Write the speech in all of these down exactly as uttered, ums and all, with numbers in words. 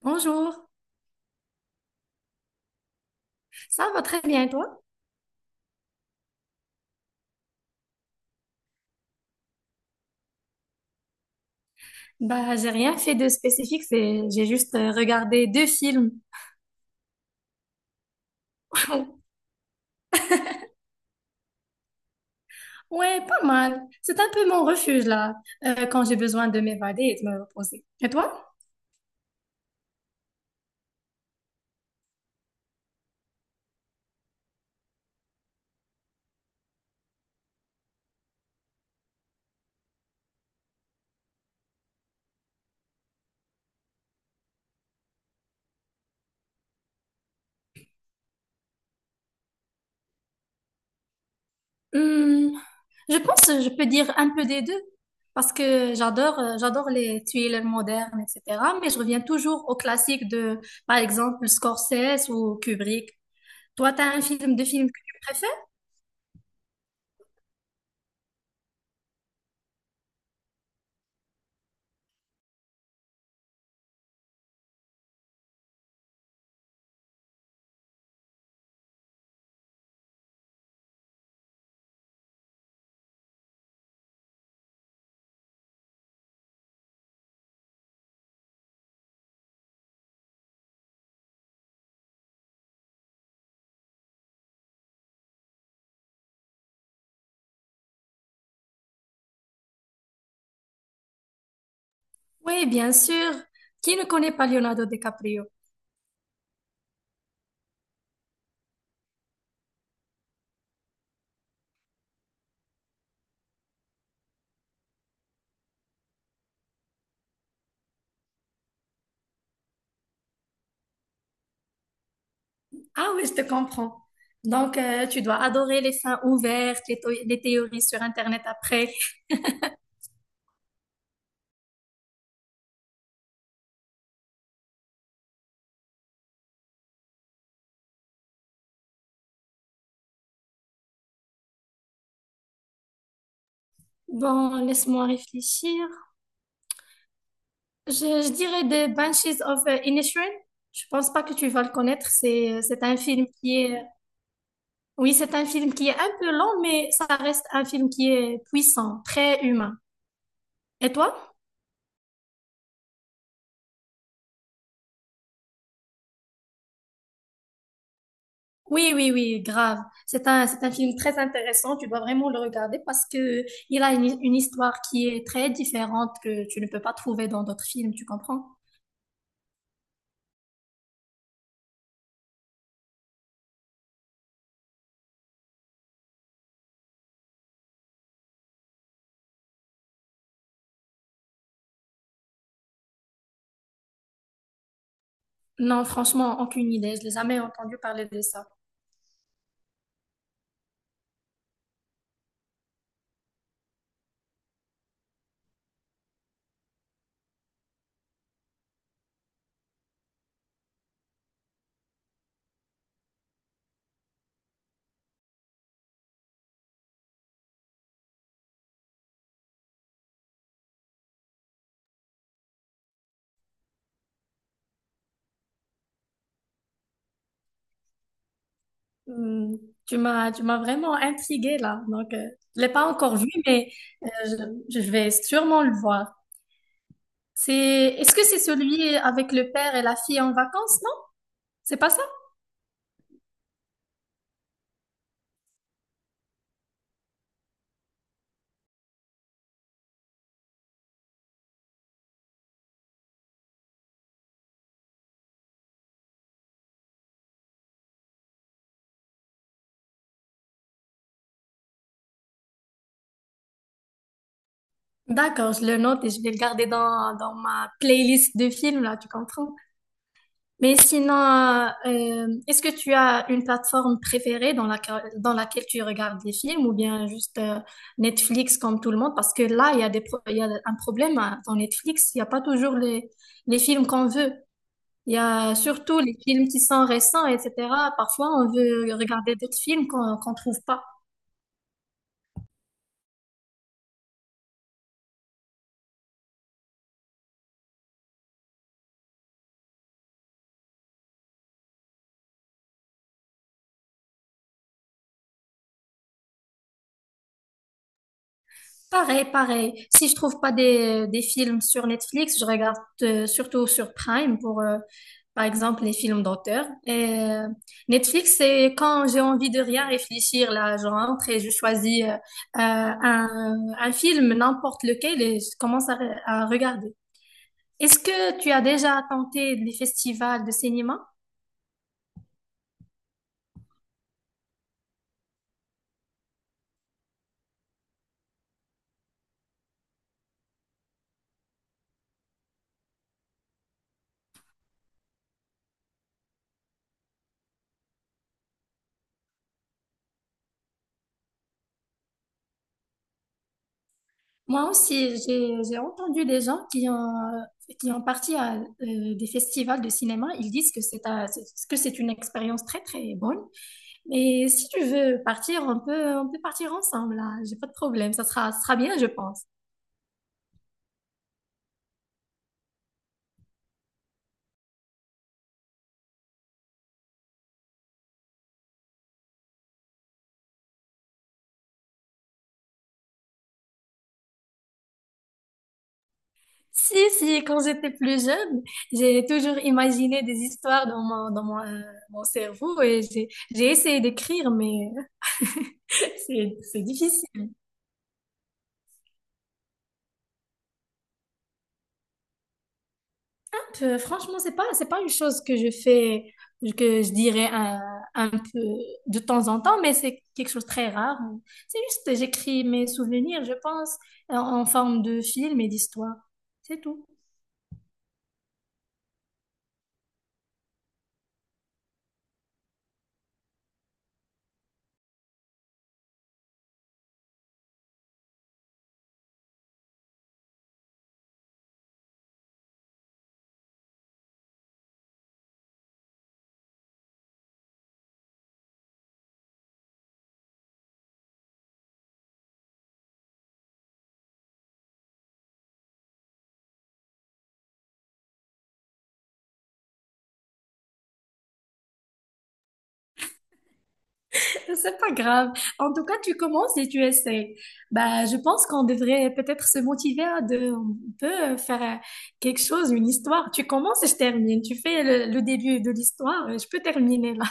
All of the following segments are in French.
Bonjour, ça va très bien, et toi? Bah, j'ai rien fait de spécifique, c'est j'ai juste euh, regardé deux films. Ouais, pas mal. C'est un peu mon refuge là, euh, quand j'ai besoin de m'évader et de me reposer. Et toi? Hmm, je pense que je peux dire un peu des deux, parce que j'adore euh, j'adore les thrillers modernes, et cétéra. Mais je reviens toujours aux classiques de, par exemple, Scorsese ou Kubrick. Toi, t'as un film de films que tu préfères? Oui, bien sûr. Qui ne connaît pas Leonardo DiCaprio? Ah oui, je te comprends. Donc, euh, tu dois adorer les fins ouvertes, les, théo- les théories sur Internet après. Bon, laisse-moi réfléchir. Je, je dirais The Banshees of euh, Inisherin. Je pense pas que tu vas le connaître. C'est, c'est un film qui est, oui, c'est un film qui est un peu long, mais ça reste un film qui est puissant, très humain. Et toi? Oui, oui, oui, grave. C'est un, c'est un film très intéressant. Tu dois vraiment le regarder parce que il a une, une histoire qui est très différente que tu ne peux pas trouver dans d'autres films. Tu comprends? Non, franchement, aucune idée. Je n'ai jamais entendu parler de ça. Hmm, tu m'as, tu m'as vraiment intriguée là. Donc, euh, je l'ai pas encore vu, mais euh, je, je vais sûrement le voir. C'est, est-ce que c'est celui avec le père et la fille en vacances, non? C'est pas ça? D'accord, je le note et je vais le garder dans, dans ma playlist de films, là, tu comprends? Mais sinon, euh, euh, est-ce que tu as une plateforme préférée dans laquelle, dans laquelle tu regardes des films ou bien juste euh, Netflix comme tout le monde? Parce que là, il y a des pro- il y a un problème hein, dans Netflix, il n'y a pas toujours les, les films qu'on veut. Il y a surtout les films qui sont récents, et cétéra. Parfois, on veut regarder d'autres films qu'on qu'on trouve pas. Pareil, pareil. Si je trouve pas des, des films sur Netflix, je regarde euh, surtout sur Prime pour, euh, par exemple, les films d'auteur. Et euh, Netflix, c'est quand j'ai envie de rien réfléchir, là, je rentre et je choisis euh, euh, un, un film, n'importe lequel, et je commence à, re- à regarder. Est-ce que tu as déjà tenté les festivals de cinéma? Moi aussi, j'ai j'ai entendu des gens qui ont, euh, qui ont parti à euh, des festivals de cinéma. Ils disent que c'est un- c'est- que c'est une expérience très, très bonne. Mais si tu veux partir, on peut, on peut partir ensemble, là. J'ai pas de problème. Ça sera, ça sera bien, je pense. Si, si, quand j'étais plus jeune, j'ai toujours imaginé des histoires dans mon, dans mon, euh, mon cerveau et j'ai, j'ai essayé d'écrire, mais c'est, c'est difficile. Euh, franchement, c'est pas, c'est pas une chose que je fais, que je dirais un, un peu de temps en temps, mais c'est quelque chose de très rare. C'est juste, j'écris mes souvenirs, je pense, en, en forme de film et d'histoire. C'est tout. C'est pas grave. En tout cas, tu commences et tu essaies. Bah, je pense qu'on devrait peut-être se motiver à de, on peut faire euh, quelque chose, une histoire. Tu commences et je termine. Tu fais le, le début de l'histoire, je peux terminer là.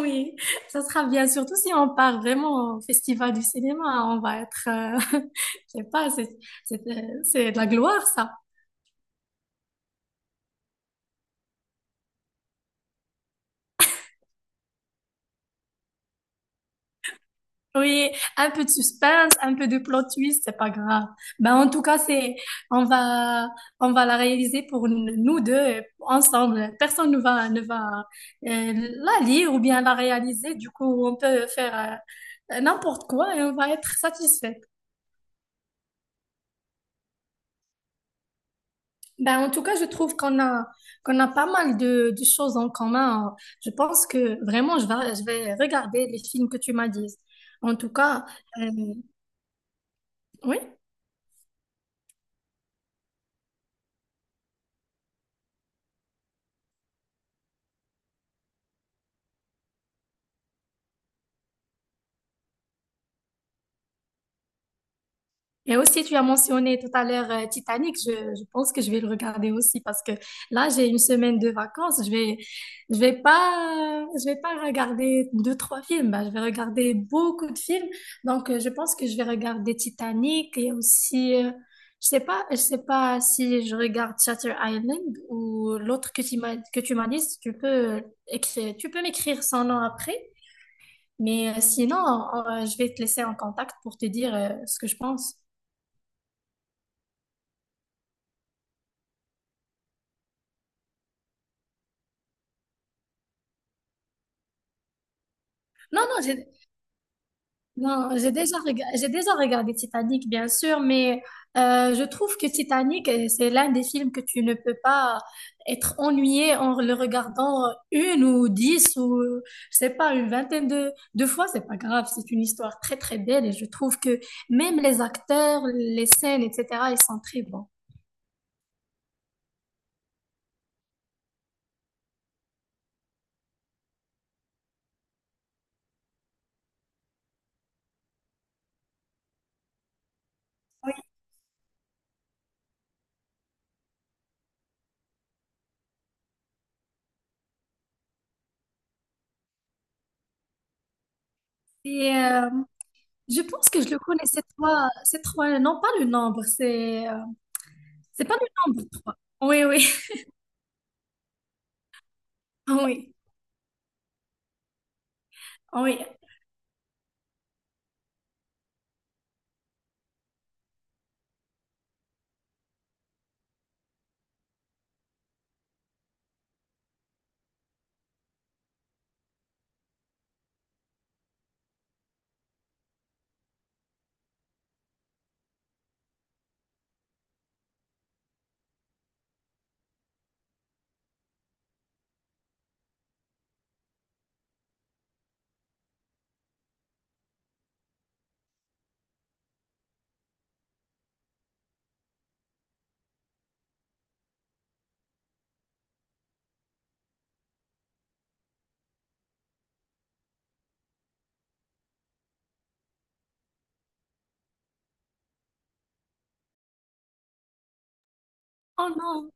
Oui, ça sera bien, surtout si on part vraiment au festival du cinéma, hein, on va être, euh, je sais pas, c'est, c'est, euh, c'est de la gloire, ça. Oui, un peu de suspense, un peu de plot twist, c'est pas grave. Ben, en tout cas, c'est, on va, on va la réaliser pour n- nous deux, euh, ensemble. Personne ne va, ne va, euh, la lire ou bien la réaliser. Du coup, on peut faire, euh, n'importe quoi et on va être satisfait. Ben, en tout cas, je trouve qu'on a, qu'on a pas mal de, de choses en commun. Je pense que vraiment, je vais, je vais regarder les films que tu m'as dit. En tout cas, euh, oui. Et aussi, tu as mentionné tout à l'heure euh, Titanic. Je, je pense que je vais le regarder aussi parce que là, j'ai une semaine de vacances. Je vais, je vais pas, je vais pas regarder deux, trois films. Bah, je vais regarder beaucoup de films. Donc, euh, je pense que je vais regarder Titanic et aussi, euh, je sais pas, je sais pas si je regarde Shutter Island ou l'autre que tu m'as, que tu m'as dit. Si Tu peux euh, écrire, tu peux m'écrire son nom après. Mais euh, sinon, euh, je vais te laisser en contact pour te dire euh, ce que je pense. Non, non, non, j'ai déjà, rega- j'ai déjà regardé Titanic, bien sûr, mais euh, je trouve que Titanic, euh, c'est l'un des films que tu ne peux pas être ennuyé en le regardant une ou dix ou, je sais pas, une vingtaine de, de fois. C'est pas grave, c'est une histoire très, très belle et je trouve que même les acteurs, les scènes, et cétéra, ils sont très bons. Et euh, je pense que je le connais, c'est trois, c'est trois, non pas le nombre, c'est euh, c'est pas le nombre trois. Oui, oui, oui, oui. Oh non,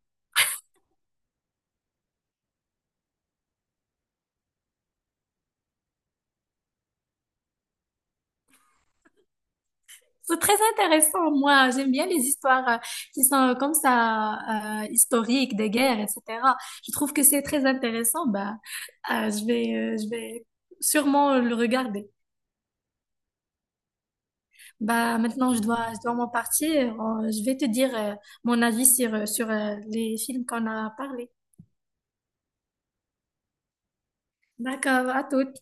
c'est très intéressant, moi. J'aime bien les histoires euh, qui sont comme ça, euh, historiques, des guerres, et cétéra. Je trouve que c'est très intéressant. Bah, euh, je vais, euh, je vais sûrement le regarder. Bah, maintenant, je dois, je dois m'en partir. Euh, Je vais te dire, euh, mon avis sur, euh, sur, euh, les films qu'on a parlé. D'accord, à toutes.